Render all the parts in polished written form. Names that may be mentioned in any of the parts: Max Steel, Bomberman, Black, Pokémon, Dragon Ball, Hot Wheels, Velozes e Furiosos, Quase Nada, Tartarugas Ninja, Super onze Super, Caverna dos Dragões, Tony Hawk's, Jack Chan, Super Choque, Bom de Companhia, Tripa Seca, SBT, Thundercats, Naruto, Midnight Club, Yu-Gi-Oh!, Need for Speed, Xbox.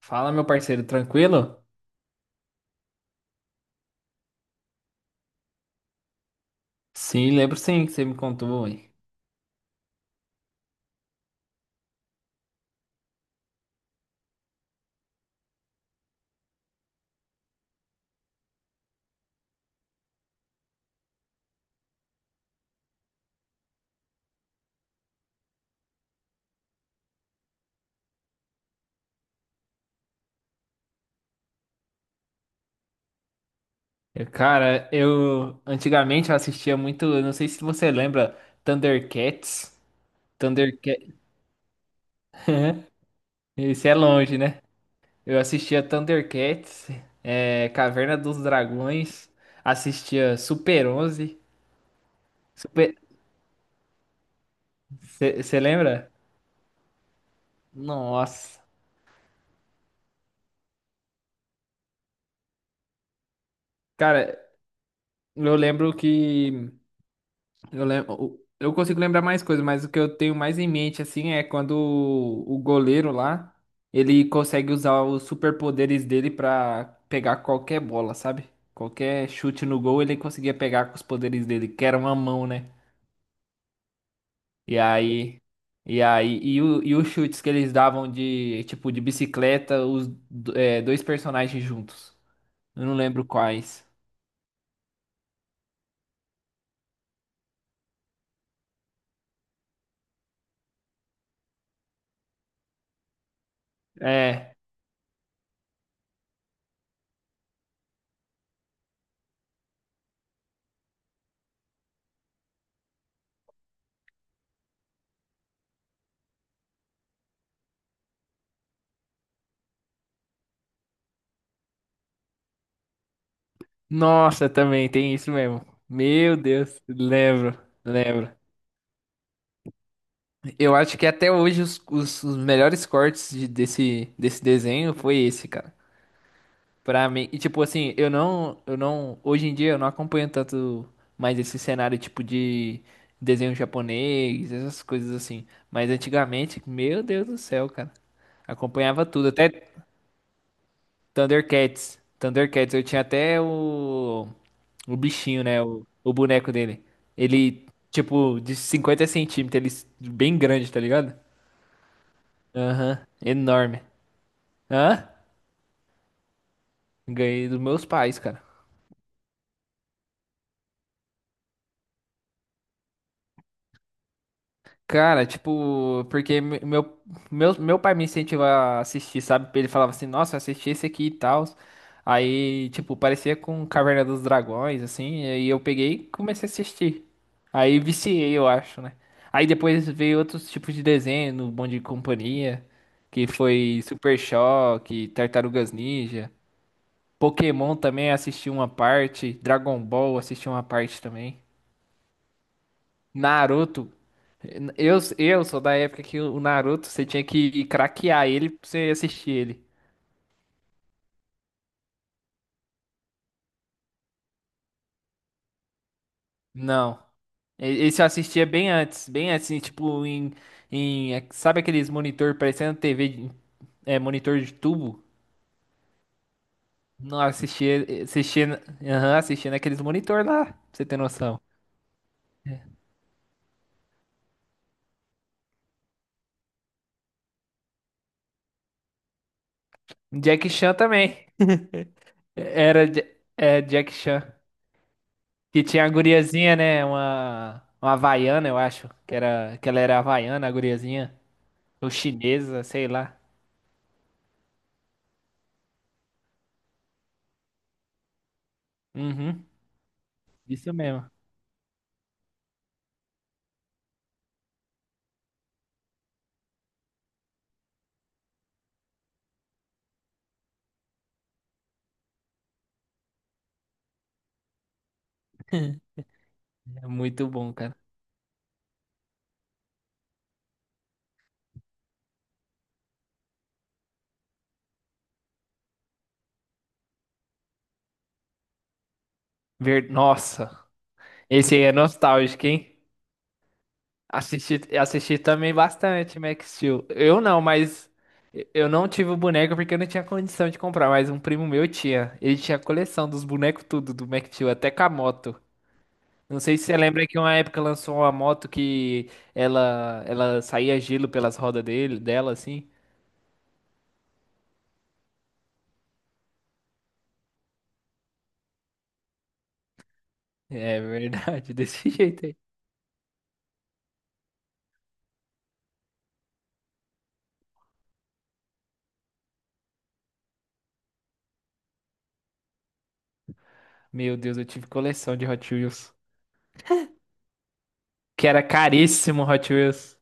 Fala, meu parceiro, tranquilo? Sim, lembro sim que você me contou, ué. Eu, Cara, eu antigamente eu assistia muito, eu não sei se você lembra, Thundercats. Thundercats, isso é longe, né? Eu assistia Thundercats, é, Caverna dos Dragões, assistia Super onze. Super, você lembra? Nossa. Cara, eu lembro que Eu lembro, eu consigo lembrar mais coisas, mas o que eu tenho mais em mente assim é quando o goleiro lá, ele consegue usar os superpoderes dele pra pegar qualquer bola, sabe? Qualquer chute no gol, ele conseguia pegar com os poderes dele, que era uma mão, né? E aí, e os chutes que eles davam de, tipo, de bicicleta, dois personagens juntos. Eu não lembro quais. É, nossa, também tem isso mesmo. Meu Deus, lembro, lembro. Eu acho que até hoje os melhores cortes desse desenho foi esse, cara. Pra mim, e tipo assim, eu não, hoje em dia eu não acompanho tanto mais esse cenário tipo de desenho japonês, essas coisas assim. Mas antigamente, meu Deus do céu, cara. Acompanhava tudo, até Thundercats. Thundercats, eu tinha até o bichinho, né? O boneco dele. Ele, tipo, de 50 centímetros, ele bem grande, tá ligado? Aham, enorme. Hã? Ganhei dos meus pais, cara. Cara, tipo, porque meu pai me incentivava a assistir, sabe? Ele falava assim, nossa, assisti esse aqui e tal. Aí, tipo, parecia com Caverna dos Dragões, assim, e aí eu peguei e comecei a assistir. Aí viciei, eu acho, né? Aí depois veio outros tipos de desenho, no Bom de Companhia, que foi Super Choque, Tartarugas Ninja. Pokémon também assisti uma parte, Dragon Ball assisti uma parte também. Naruto. Eu sou da época que o Naruto, você tinha que craquear ele pra você assistir ele. Não. Esse eu assistia bem antes, em, sabe aqueles monitor parecendo TV, monitor de tubo? Não, assistia, assistia, aham, assistia naqueles monitor lá, pra você ter noção. Jack Chan também. Era Jack Chan. Que tinha a guriazinha, né? Uma havaiana, eu acho. Que ela era havaiana, a guriazinha. Ou chinesa, sei lá. Uhum, isso mesmo. É muito bom, cara. Ver... Nossa, esse aí é nostálgico, hein? Assisti, assisti também bastante Max Steel. Eu não, mas eu não tive o boneco porque eu não tinha condição de comprar, mas um primo meu tinha. Ele tinha a coleção dos bonecos tudo do Max Steel, até com a moto. Não sei se você lembra que uma época lançou uma moto que ela saía gelo pelas rodas dele, dela assim. É verdade, desse jeito. Meu Deus, eu tive coleção de Hot Wheels. Que era caríssimo Hot Wheels.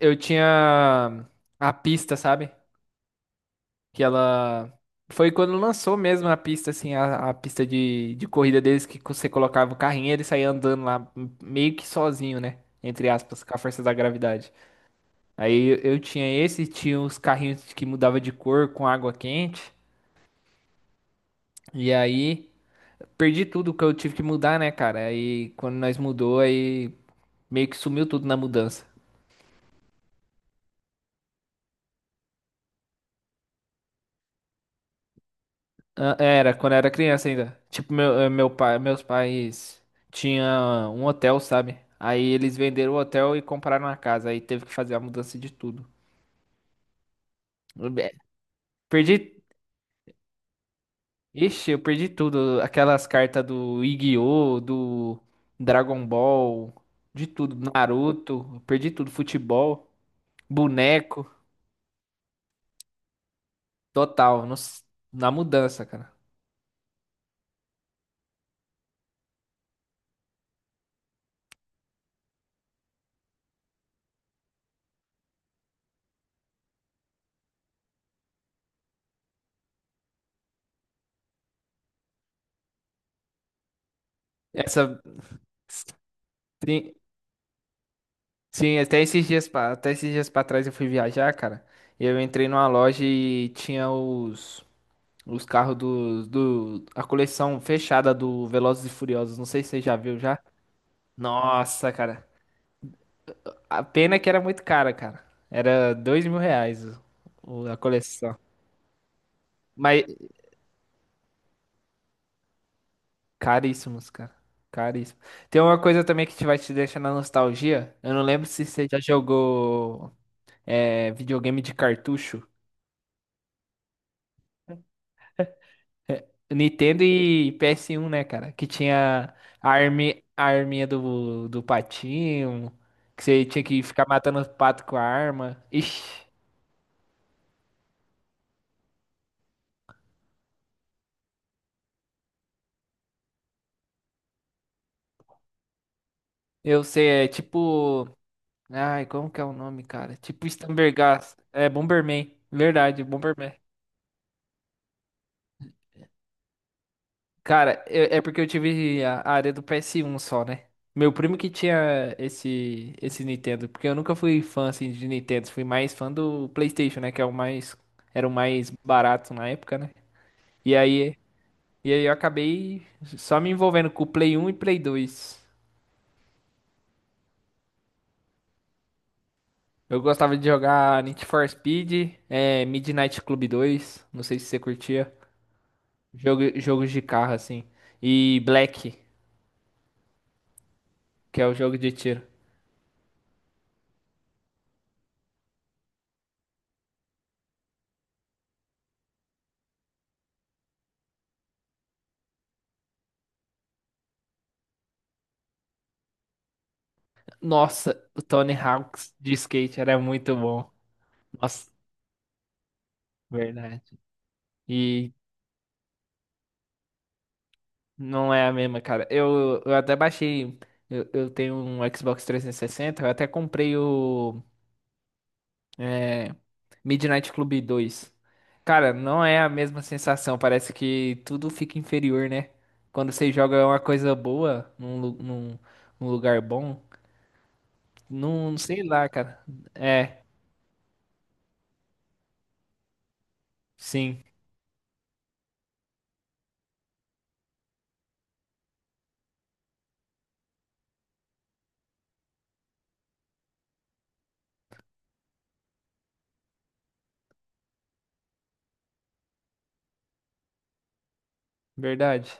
Eu tinha a pista, sabe? Que ela. Foi quando lançou mesmo a pista, assim, a pista de corrida deles, que você colocava o carrinho e ele saía andando lá, meio que sozinho, né? Entre aspas, com a força da gravidade. Aí eu tinha esse, tinha os carrinhos que mudava de cor com água quente. E aí perdi tudo que eu tive que mudar, né, cara? Aí quando nós mudou, aí meio que sumiu tudo na mudança. Ah, era, quando eu era criança ainda. Tipo, meus pais tinha um hotel, sabe? Aí eles venderam o hotel e compraram a casa. Aí teve que fazer a mudança de tudo. Eu be- Perdi. Ixi, eu perdi tudo. Aquelas cartas do Yu-Gi-Oh!, do Dragon Ball, de tudo. Naruto, eu perdi tudo. Futebol, boneco, total. Na mudança, cara. Essa. Sim, até esses dias pra trás eu fui viajar, cara. E eu entrei numa loja e tinha os carros do, do, a coleção fechada do Velozes e Furiosos. Não sei se você já viu já. Nossa, cara. A pena que era muito cara, cara. Era R$ 2.000 a coleção. Mas caríssimos, cara. Caríssimo. Tem uma coisa também que te vai te deixar na nostalgia. Eu não lembro se você já jogou videogame de cartucho. Nintendo e PS1, né, cara? Que tinha a arminha do... do patinho, que você tinha que ficar matando os patos com a arma. Ixi, eu sei, é tipo. Ai, como que é o nome, cara? Tipo Stambergast. É Bomberman. Verdade, Bomberman. Cara, é é porque eu tive a área do PS1 só, né? Meu primo que tinha esse Nintendo, porque eu nunca fui fã assim de Nintendo, fui mais fã do PlayStation, né, que é o mais era o mais barato na época, né? E aí, e aí eu acabei só me envolvendo com o Play um e Play dois. Eu gostava de jogar Need for Speed, é, Midnight Club dois, não sei se você curtia. Jogos de carro, assim. E Black, que é o jogo de tiro. Nossa, o Tony Hawk's de skate era muito bom. Nossa, verdade. E não é a mesma, cara. Eu até baixei. Eu tenho um Xbox 360, eu até comprei o é, Midnight Club 2. Cara, não é a mesma sensação. Parece que tudo fica inferior, né? Quando você joga uma coisa boa num lugar bom, não sei lá, cara. É, sim, verdade.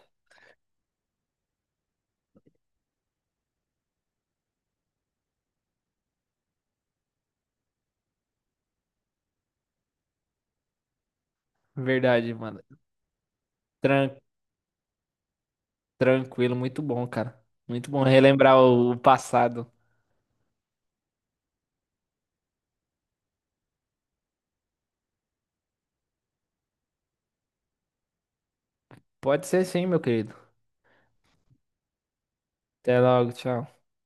Verdade, mano. Tran- tranquilo, muito bom, cara. Muito bom relembrar o passado. Pode ser sim, meu querido. Até logo, tchau.